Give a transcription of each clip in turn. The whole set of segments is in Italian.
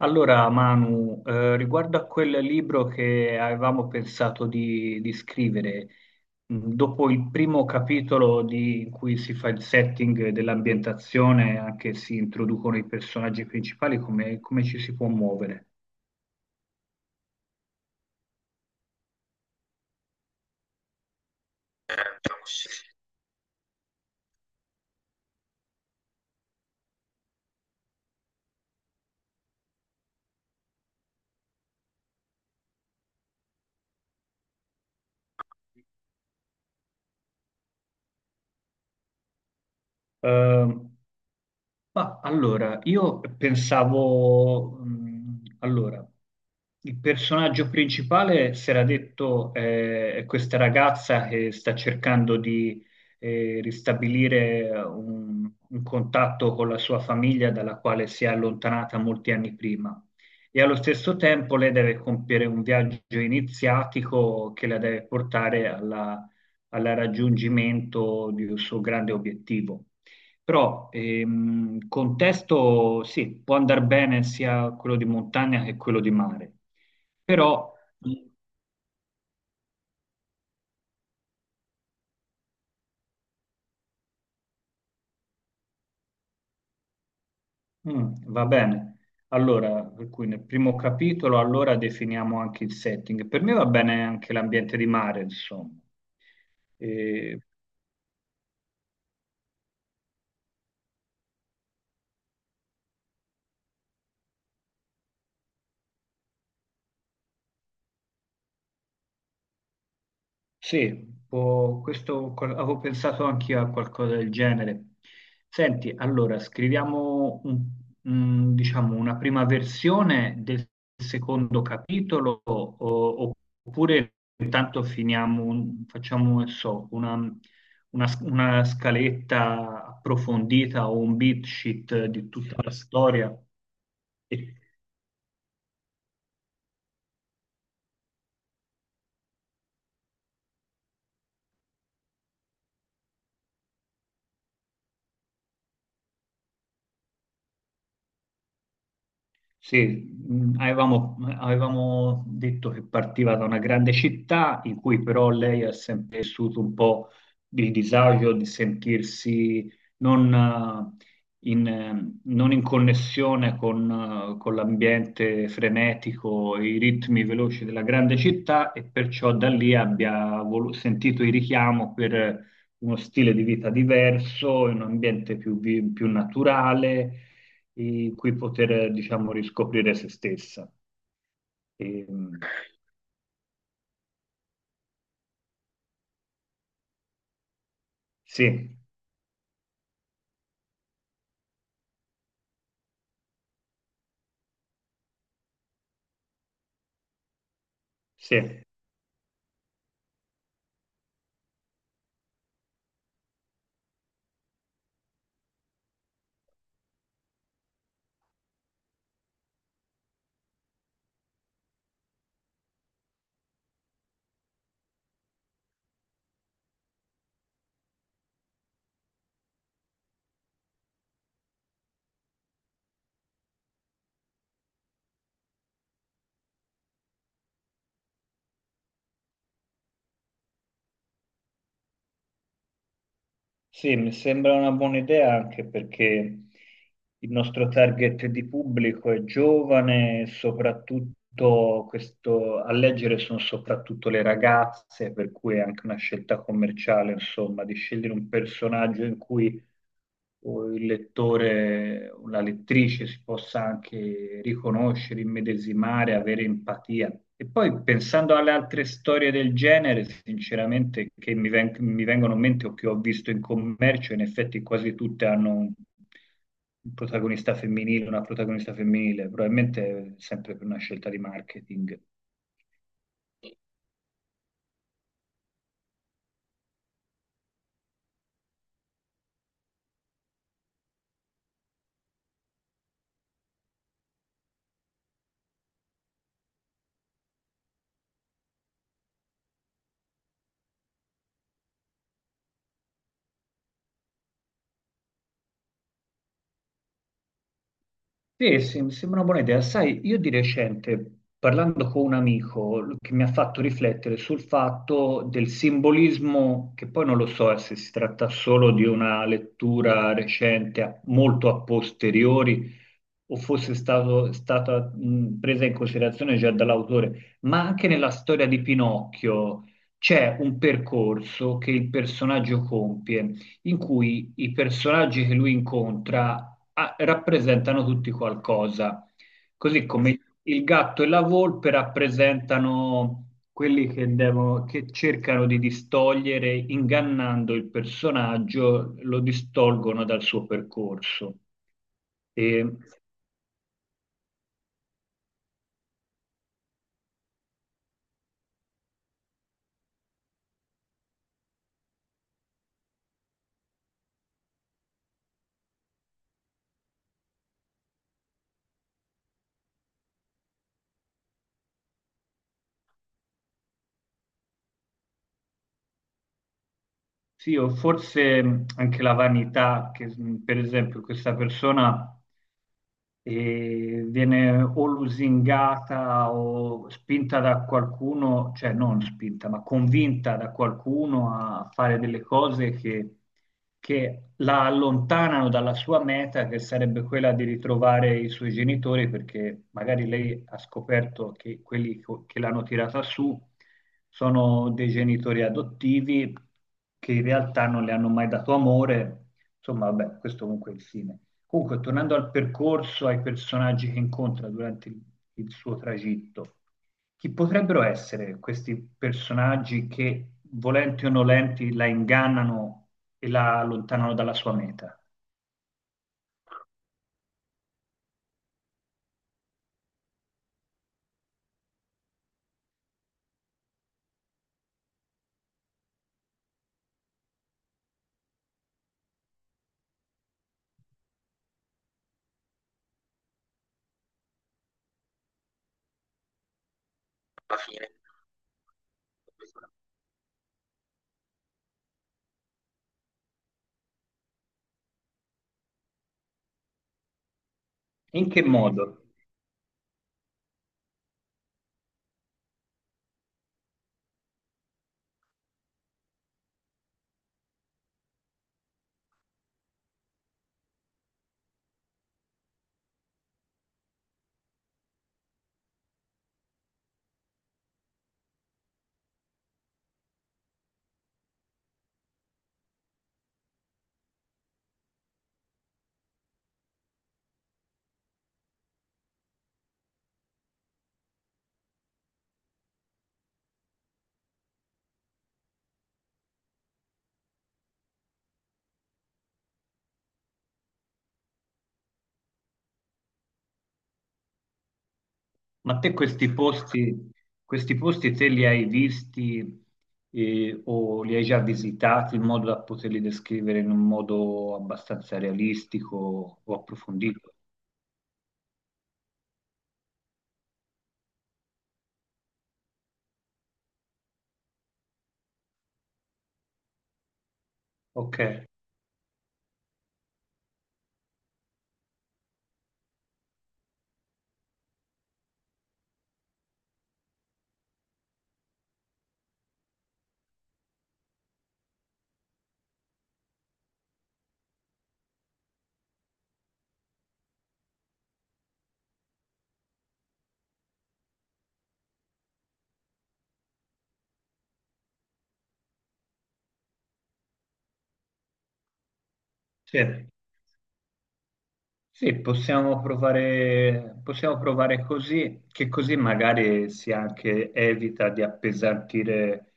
Allora, Manu, riguardo a quel libro che avevamo pensato di scrivere, dopo il primo capitolo in cui si fa il setting dell'ambientazione, anche si introducono i personaggi principali, come ci si può muovere? Ehm, Ma allora, io pensavo, il personaggio principale si era detto è questa ragazza che sta cercando di ristabilire un contatto con la sua famiglia dalla quale si è allontanata molti anni prima. E allo stesso tempo lei deve compiere un viaggio iniziatico che la deve portare al raggiungimento di un suo grande obiettivo. Però contesto sì, può andare bene sia quello di montagna che quello di mare, però mm, va bene. Allora, per cui nel primo capitolo allora definiamo anche il setting. Per me va bene anche l'ambiente di mare, insomma. Eh, Sì, avevo pensato anche io a qualcosa del genere. Senti, allora, diciamo una prima versione del secondo capitolo oppure intanto facciamo, non so, una una scaletta approfondita o un beat sheet di tutta la storia. Sì, avevamo detto che partiva da una grande città in cui però lei ha sempre vissuto un po' il disagio di sentirsi non in connessione con l'ambiente frenetico, i ritmi veloci della grande città e perciò da lì sentito il richiamo per uno stile di vita diverso, in un ambiente più naturale in cui poter, diciamo, riscoprire se stessa. Ehm, sì, sì, sì, mi sembra una buona idea anche perché il nostro target di pubblico è giovane, soprattutto questo, a leggere sono soprattutto le ragazze, per cui è anche una scelta commerciale, insomma, di scegliere un personaggio in cui o il lettore o la lettrice si possa anche riconoscere, immedesimare, avere empatia. E poi pensando alle altre storie del genere, sinceramente, mi vengono in mente o che ho visto in commercio, in effetti quasi tutte hanno un protagonista femminile, una protagonista femminile, probabilmente sempre per una scelta di marketing. Sì, sì, mi sembra una buona idea. Sai, io di recente, parlando con un amico, che mi ha fatto riflettere sul fatto del simbolismo, che poi non lo so se si tratta solo di una lettura recente, molto a posteriori, o stata presa in considerazione già dall'autore, ma anche nella storia di Pinocchio c'è un percorso che il personaggio compie in cui i personaggi che lui incontra ah, rappresentano tutti qualcosa, così come il gatto e la volpe rappresentano quelli che cercano di distogliere, ingannando il personaggio, lo distolgono dal suo percorso. E sì, o forse anche la vanità, che per esempio questa persona viene o lusingata o spinta da qualcuno, cioè non spinta, ma convinta da qualcuno a fare delle cose che la allontanano dalla sua meta, che sarebbe quella di ritrovare i suoi genitori, perché magari lei ha scoperto che che l'hanno tirata su sono dei genitori adottivi che in realtà non le hanno mai dato amore. Insomma, vabbè, questo comunque è il fine. Comunque, tornando al percorso, ai personaggi che incontra durante il suo tragitto. Chi potrebbero essere questi personaggi che, volenti o nolenti, la ingannano e la allontanano dalla sua meta? E in che modo? Ma te questi posti te li hai visti o li hai già visitati in modo da poterli descrivere in un modo abbastanza realistico o approfondito? Ok, sì. Sì, possiamo provare così, che così magari si anche evita di appesantire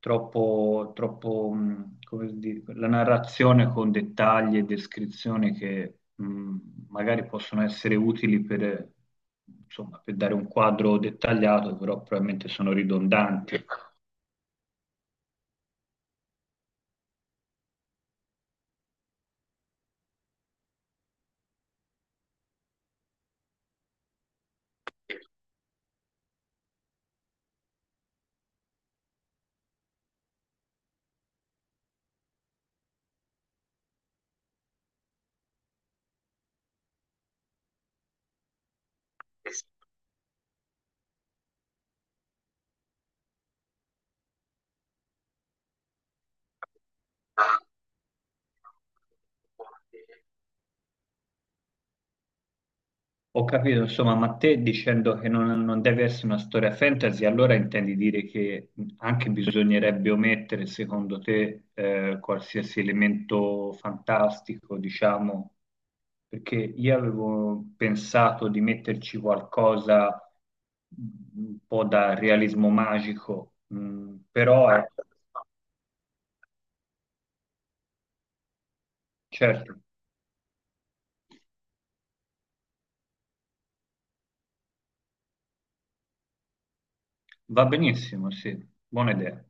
troppo, come dire, la narrazione con dettagli e descrizioni che magari possono essere utili per, insomma, per dare un quadro dettagliato, però probabilmente sono ridondanti. Ecco. Ho capito, insomma, ma te dicendo che non deve essere una storia fantasy, allora intendi dire che anche bisognerebbe omettere, secondo te, qualsiasi elemento fantastico, diciamo, perché io avevo pensato di metterci qualcosa un po' da realismo magico, mm, però certo, va benissimo, sì, buona idea.